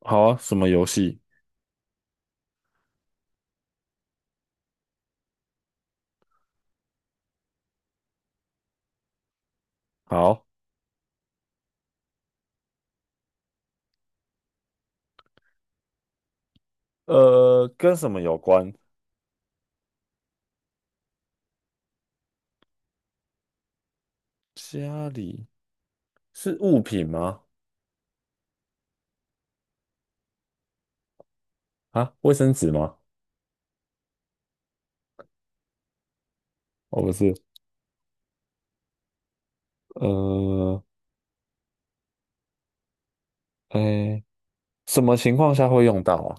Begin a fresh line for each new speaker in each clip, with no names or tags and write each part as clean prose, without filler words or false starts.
好啊，什么游戏？好。跟什么有关？家里是物品吗？啊，卫生纸吗？哦，不是。呃，哎，什么情况下会用到啊？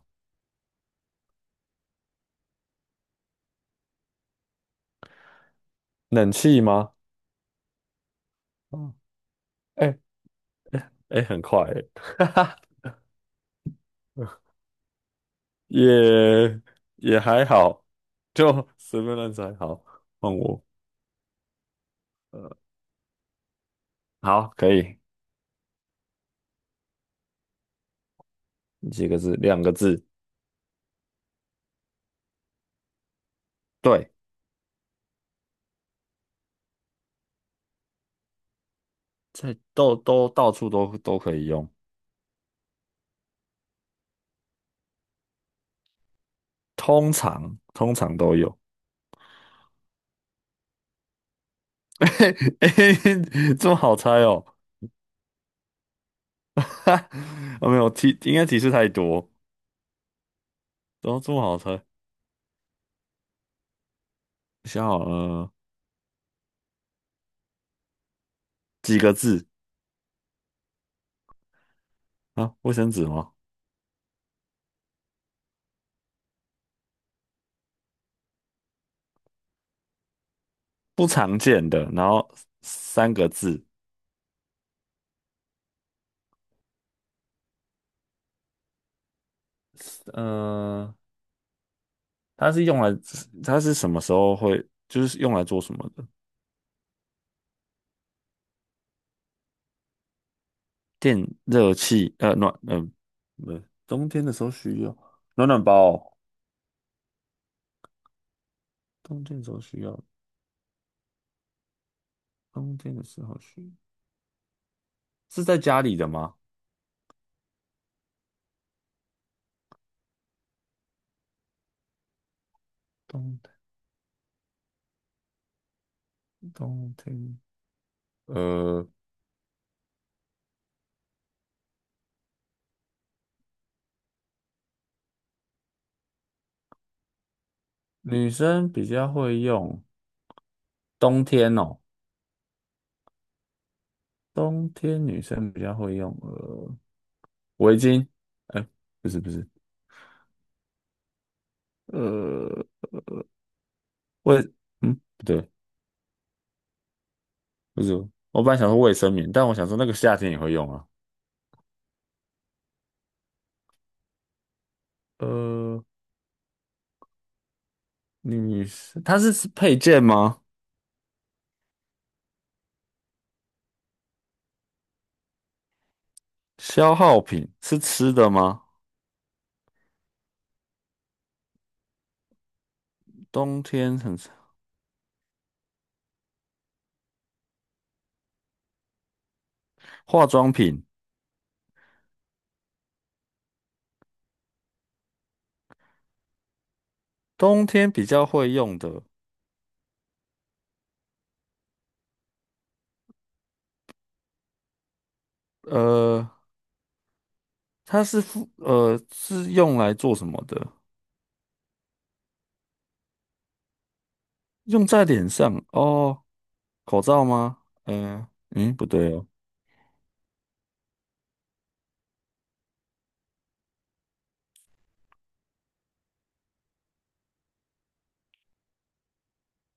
冷气吗？嗯，哎哎，很快欸 哈哈，也也还好，就随便乱猜。好，换我。呃，好，可以。几个字？两个字，对。在到处都可以用，通常都有。嘿嘿嘿这么好猜哦？哈，哦没有提，应该提示太多，然后这么好猜。我想好了。几个字啊？卫生纸吗？不常见的，然后三个字。呃，它是用来，它是什么时候会，就是用来做什么的？电热器，暖，不是。冬天的时候需要暖暖包哦？冬天的时候需要，冬天的时候需要，是在家里的吗？冬天，冬天。呃，女生比较会用。冬天哦，冬天女生比较会用围巾，哎、不是不是。呃卫，嗯不对，不是。我本来想说卫生棉，但我想说那个夏天也会用啊。呃，女生它是配件吗？消耗品是吃的吗？冬天很化妆品，冬天比较会用的。呃，它是用来做什么的？用在脸上哦。口罩吗？嗯、嗯，不对哦，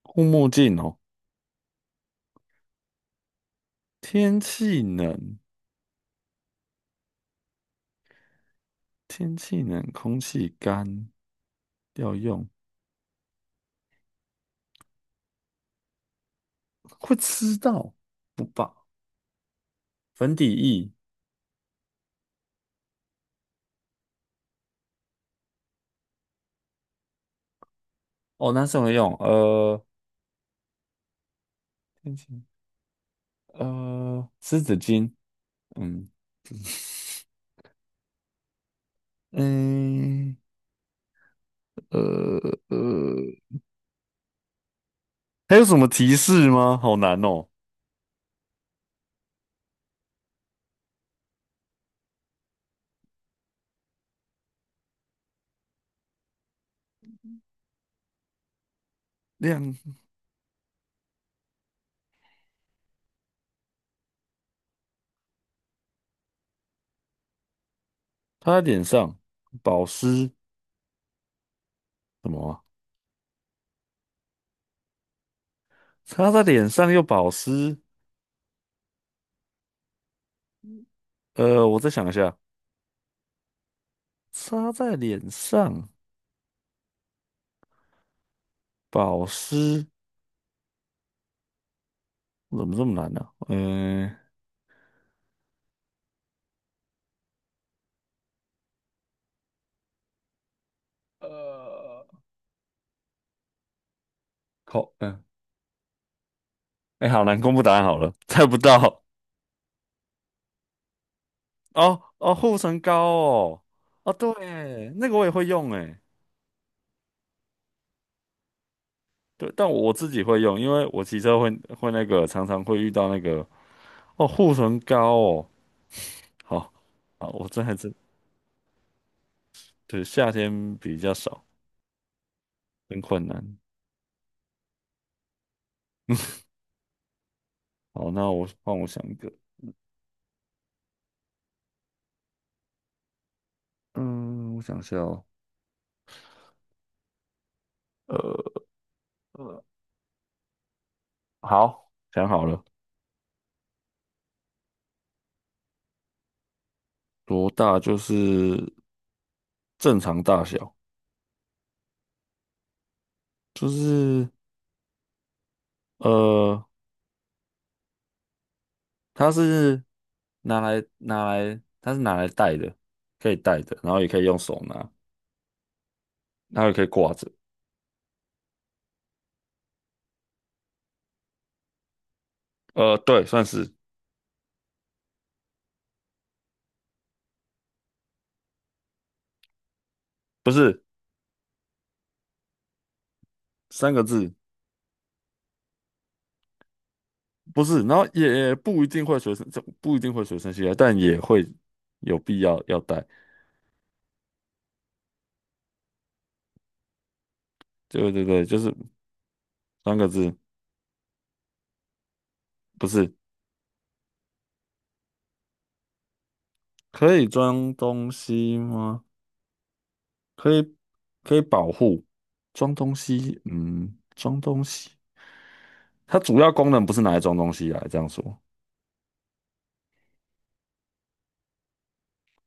护目镜哦。天气冷，天气冷，空气干，要用会吃到不吧？粉底液哦，男生会用。天气湿纸巾。嗯嗯呃呃，还有什么提示吗？好难哦。亮，擦在脸上，保湿什么啊擦在脸上又保湿。我再想一下。擦在脸上，保湿，怎么这么难呢、嗯、呃，口，嗯、哎，好难，公布答案好了，猜不到。哦哦，护唇膏哦，哦对，那个我也会用哎。对，但我自己会用，因为我骑车会那个，常常会遇到那个，哦护唇膏哦。好啊，我这还真，对，夏天比较少，很困难。好，那我帮我想一个。嗯，我想一下哦。呃，呃好，想好了。多大就是正常大小，就是呃，它是拿来，它是拿来戴的，可以戴的，然后也可以用手拿，然后也可以挂着。对，算是。三个字，不是。然后也不一定会随身，这不一定会随身携带，但也会有必要要带。对对对，就是三个字。不是。可以装东西吗？可以可以保护。装东西，嗯，装东西，它主要功能不是拿来装东西啊，这样说。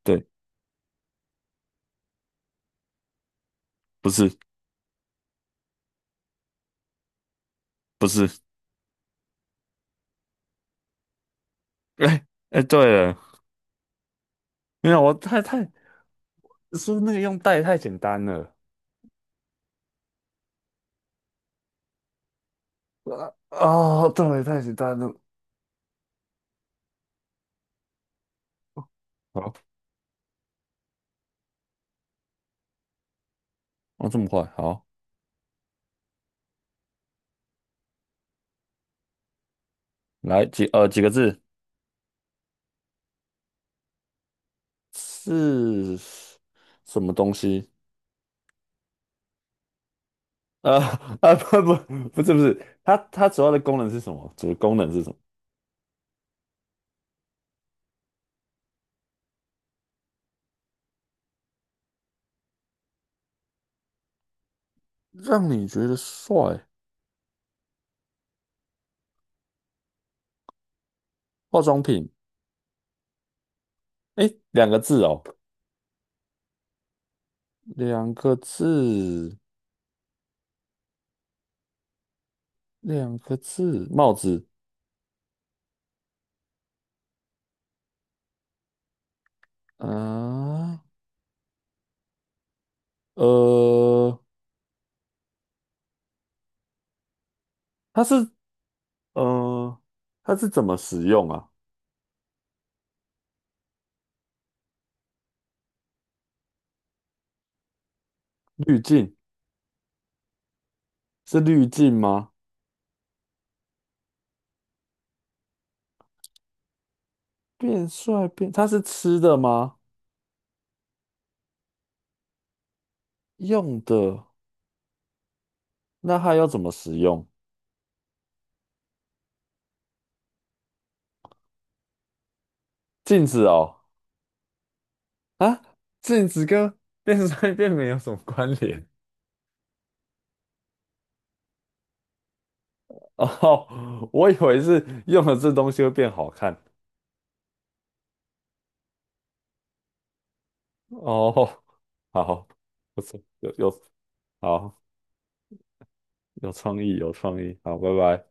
对，不是不是。哎哎，对了。没有，我太太说那个用袋太简单了？啊哦，对，太简单了。好，哦，这么快。好，来几几个字。是什么东西？啊不是不是。它主要的功能是什么？主要功能是什么？让你觉得帅，化妆品。哎，两个字哦，两个字，两个字，帽子。啊，呃，它是呃，它是怎么使用啊？滤镜，是滤镜吗？变帅变，它是吃的吗？用的。那它要怎么使用？镜子哦，啊，镜子跟变帅变美有什么关联？哦，我以为是用了这东西会变好看。哦，好，不错。有好，有创意，有创意。好，拜拜。